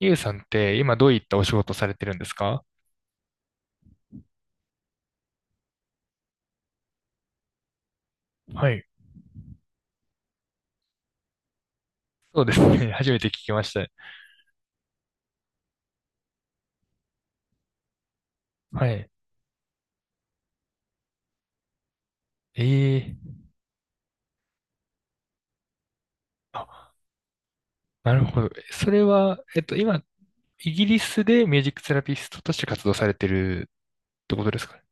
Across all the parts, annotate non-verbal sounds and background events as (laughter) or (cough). ゆうさんって今どういったお仕事されてるんですか？はい。そうですね。(laughs) 初めて聞きました。はい。ええ、あ、なるほど。それは、今、イギリスでミュージックセラピストとして活動されてるってことですかね？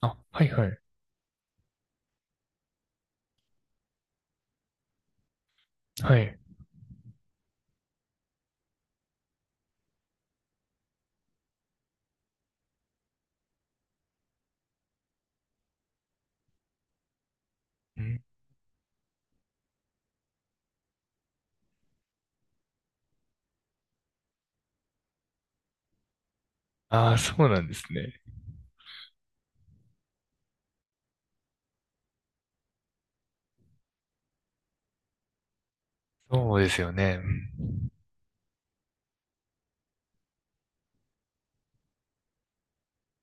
あ、はいはい。はい。うん。ああ、そうなんですね。そうですよね。うん。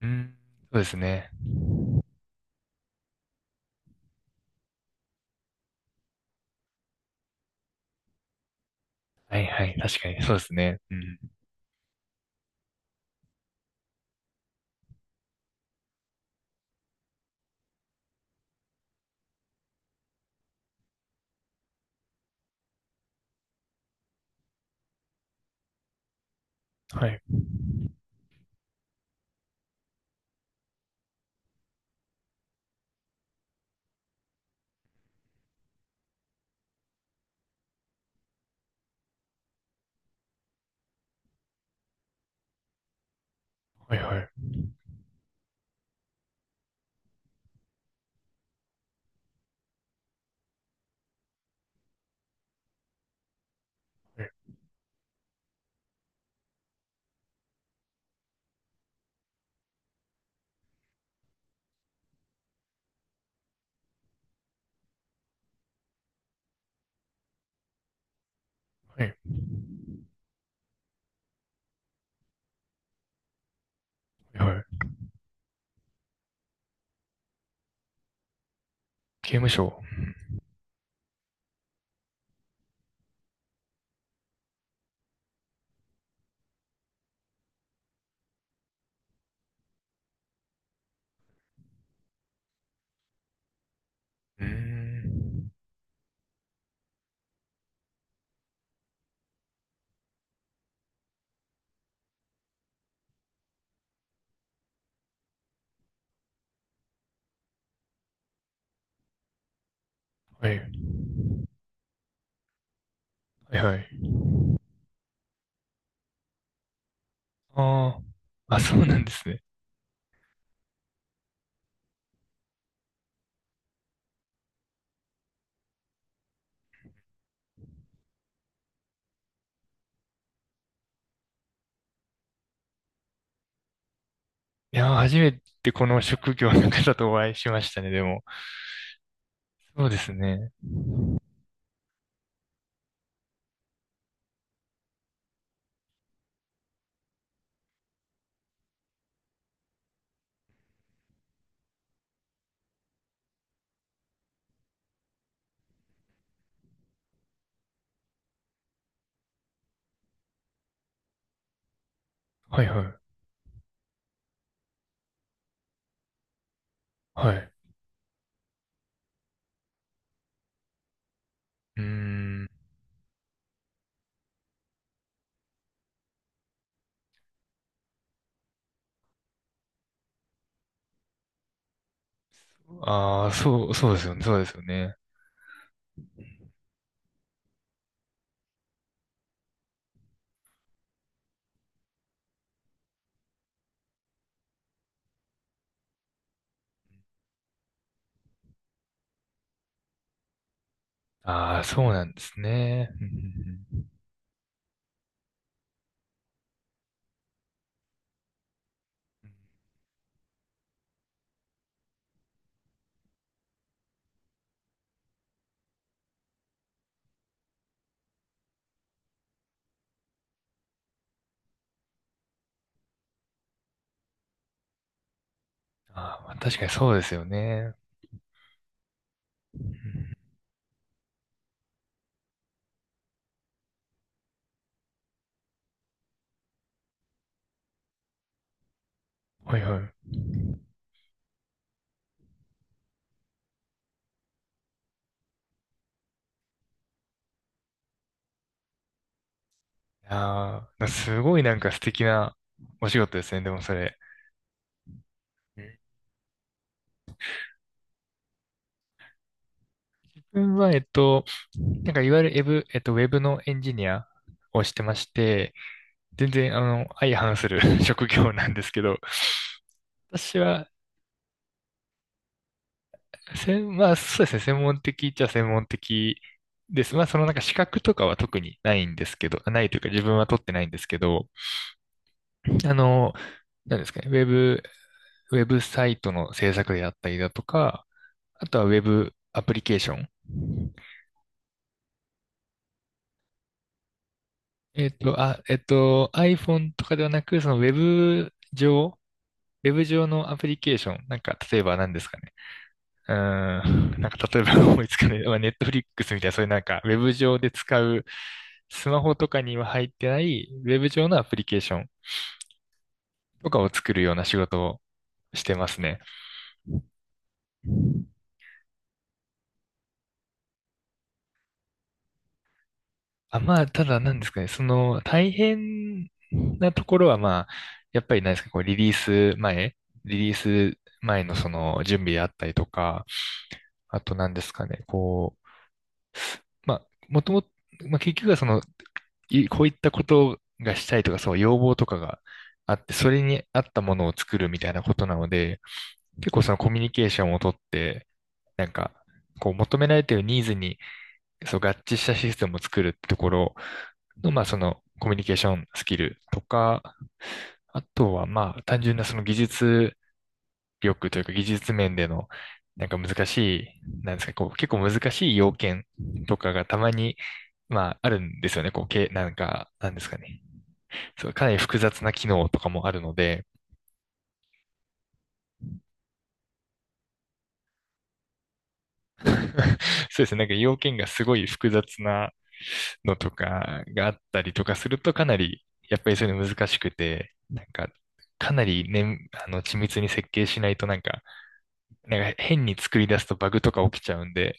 うん、そうですね。はいはい。確かに、そうですね。うん。はい。はい。はい。はい。はい。はいはい。刑務所。うん。うん、はい。はい。はい。ああ、あ、そうなんですね。いやー、初めてこの職業の方とお会いしましたね、でも。そうですね。はいはい。はい。うーん。ああ、そうですよね、そうですよね。ああ、そうなんですね。うんうんうん。あー、まあ、確かにそうですよね。うん、はいはい。いやー、すごいなんか素敵なお仕事ですね、でもそれ。うん。自分は、なんかいわゆるエブ、えっと、ウェブのエンジニアをしてまして、全然、相反する (laughs) 職業なんですけど、私は、まあ、そうですね、専門的っちゃ専門的です。まあ、そのなんか資格とかは特にないんですけど、ないというか自分は取ってないんですけど、あの、なんですかね、ウェブサイトの制作であったりだとか、あとはウェブアプリケーション。iPhone とかではなく、そのウェブ上、ウェブ上のアプリケーション、なんか、例えば何ですかね。うーん、なんか例えば (laughs) 思いつかない、まあ、ネットフリックスみたいな、そういうなんか、ウェブ上で使う、スマホとかには入ってない、ウェブ上のアプリケーションとかを作るような仕事をしてますね。あ、まあ、ただなんですかね、その、大変なところは、まあ、やっぱりなんですか、こう、リリース前のその、準備であったりとか、あとなんですかね、こう、まあ、もともと、まあ、結局はその、こういったことがしたいとか、そう、要望とかがあって、それに合ったものを作るみたいなことなので、結構そのコミュニケーションをとって、なんか、こう求められているニーズにそう合致したシステムを作るってところの、まあそのコミュニケーションスキルとか、あとはまあ単純なその技術力というか技術面でのなんか難しい、なんですか、こう結構難しい要件とかがたまに、まああるんですよね。こう、なんか、なんですかね。そう、かなり複雑な機能とかもあるので、(laughs) そうですね、なんか要件がすごい複雑なのとかがあったりとかすると、かなり、やっぱりそういうの難しくて、なんか、かなりね、緻密に設計しないとなんか、なんか変に作り出すとバグとか起きちゃうんで、っ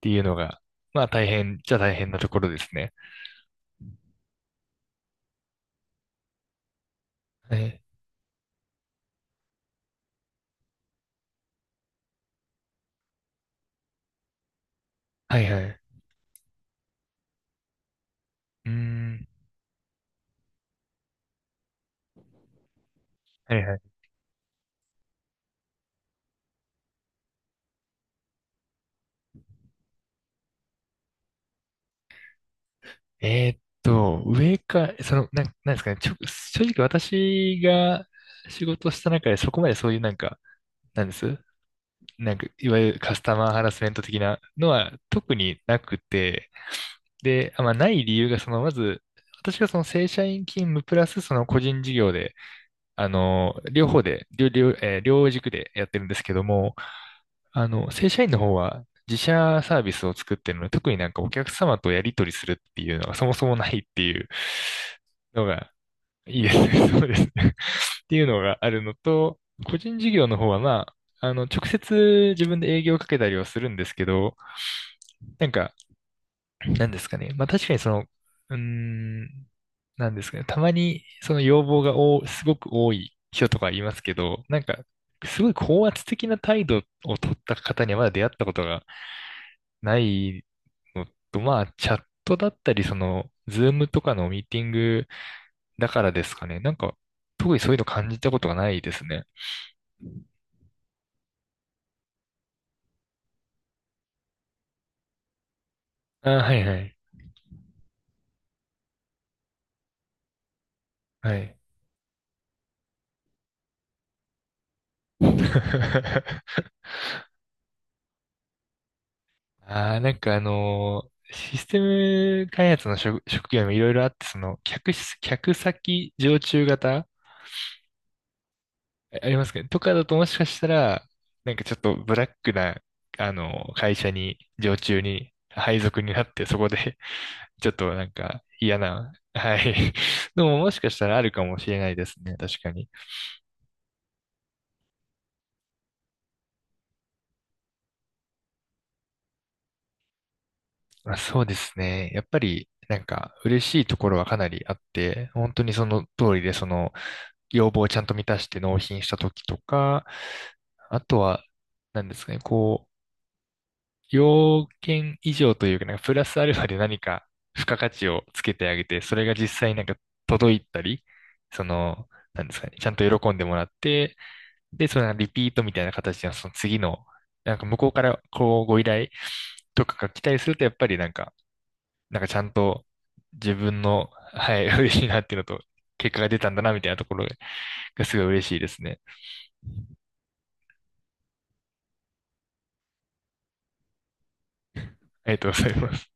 ていうのが、まあ大変なところですね。はい、はいはい。うーん、はいはい。その、なんですかね、正直私が仕事した中でそこまでそういうなんか、なんですなんか、いわゆるカスタマーハラスメント的なのは特になくて、で、まあ、ない理由が、その、まず、私がその正社員勤務プラスその個人事業で、両方で、両、両、えー両軸でやってるんですけども、正社員の方は自社サービスを作ってるので、特になんかお客様とやり取りするっていうのがそもそもないっていうのがいいですね。(laughs) そうですね。(laughs) っていうのがあるのと、個人事業の方はまあ、直接自分で営業をかけたりはするんですけど、なんか、なんですかね。まあ確かにその、うーん、なんですかね。たまにその要望がすごく多い人とかいますけど、なんか、すごい高圧的な態度を取った方にはまだ出会ったことがないのと、まあ、チャットだったり、その、ズームとかのミーティングだからですかね。なんか、特にそういうの感じたことがないですね。あ、はいはい。はい。(laughs) ああ、なんかシステム開発の職業もいろいろあって、その、客先常駐型ありますかねとかだともしかしたら、なんかちょっとブラックな、あの会社に、常駐に、配属になって、そこで (laughs) ちょっとなんか嫌な、はい。(laughs) でももしかしたらあるかもしれないですね。確かに。まあ、そうですね。やっぱり、なんか、嬉しいところはかなりあって、本当にその通りで、その、要望をちゃんと満たして納品した時とか、あとは、何ですかね、こう、要件以上というか、なんか、プラスアルファで何か、付加価値をつけてあげて、それが実際なんか、届いたり、その、なんですかね、ちゃんと喜んでもらって、で、そのリピートみたいな形で、その次の、なんか、向こうから、こう、ご依頼とかが来たりすると、やっぱりなんかちゃんと自分の、(laughs) はい、(laughs) 嬉しいなっていうのと、結果が出たんだなみたいなところがすごい嬉しいですね。ありがとうございます。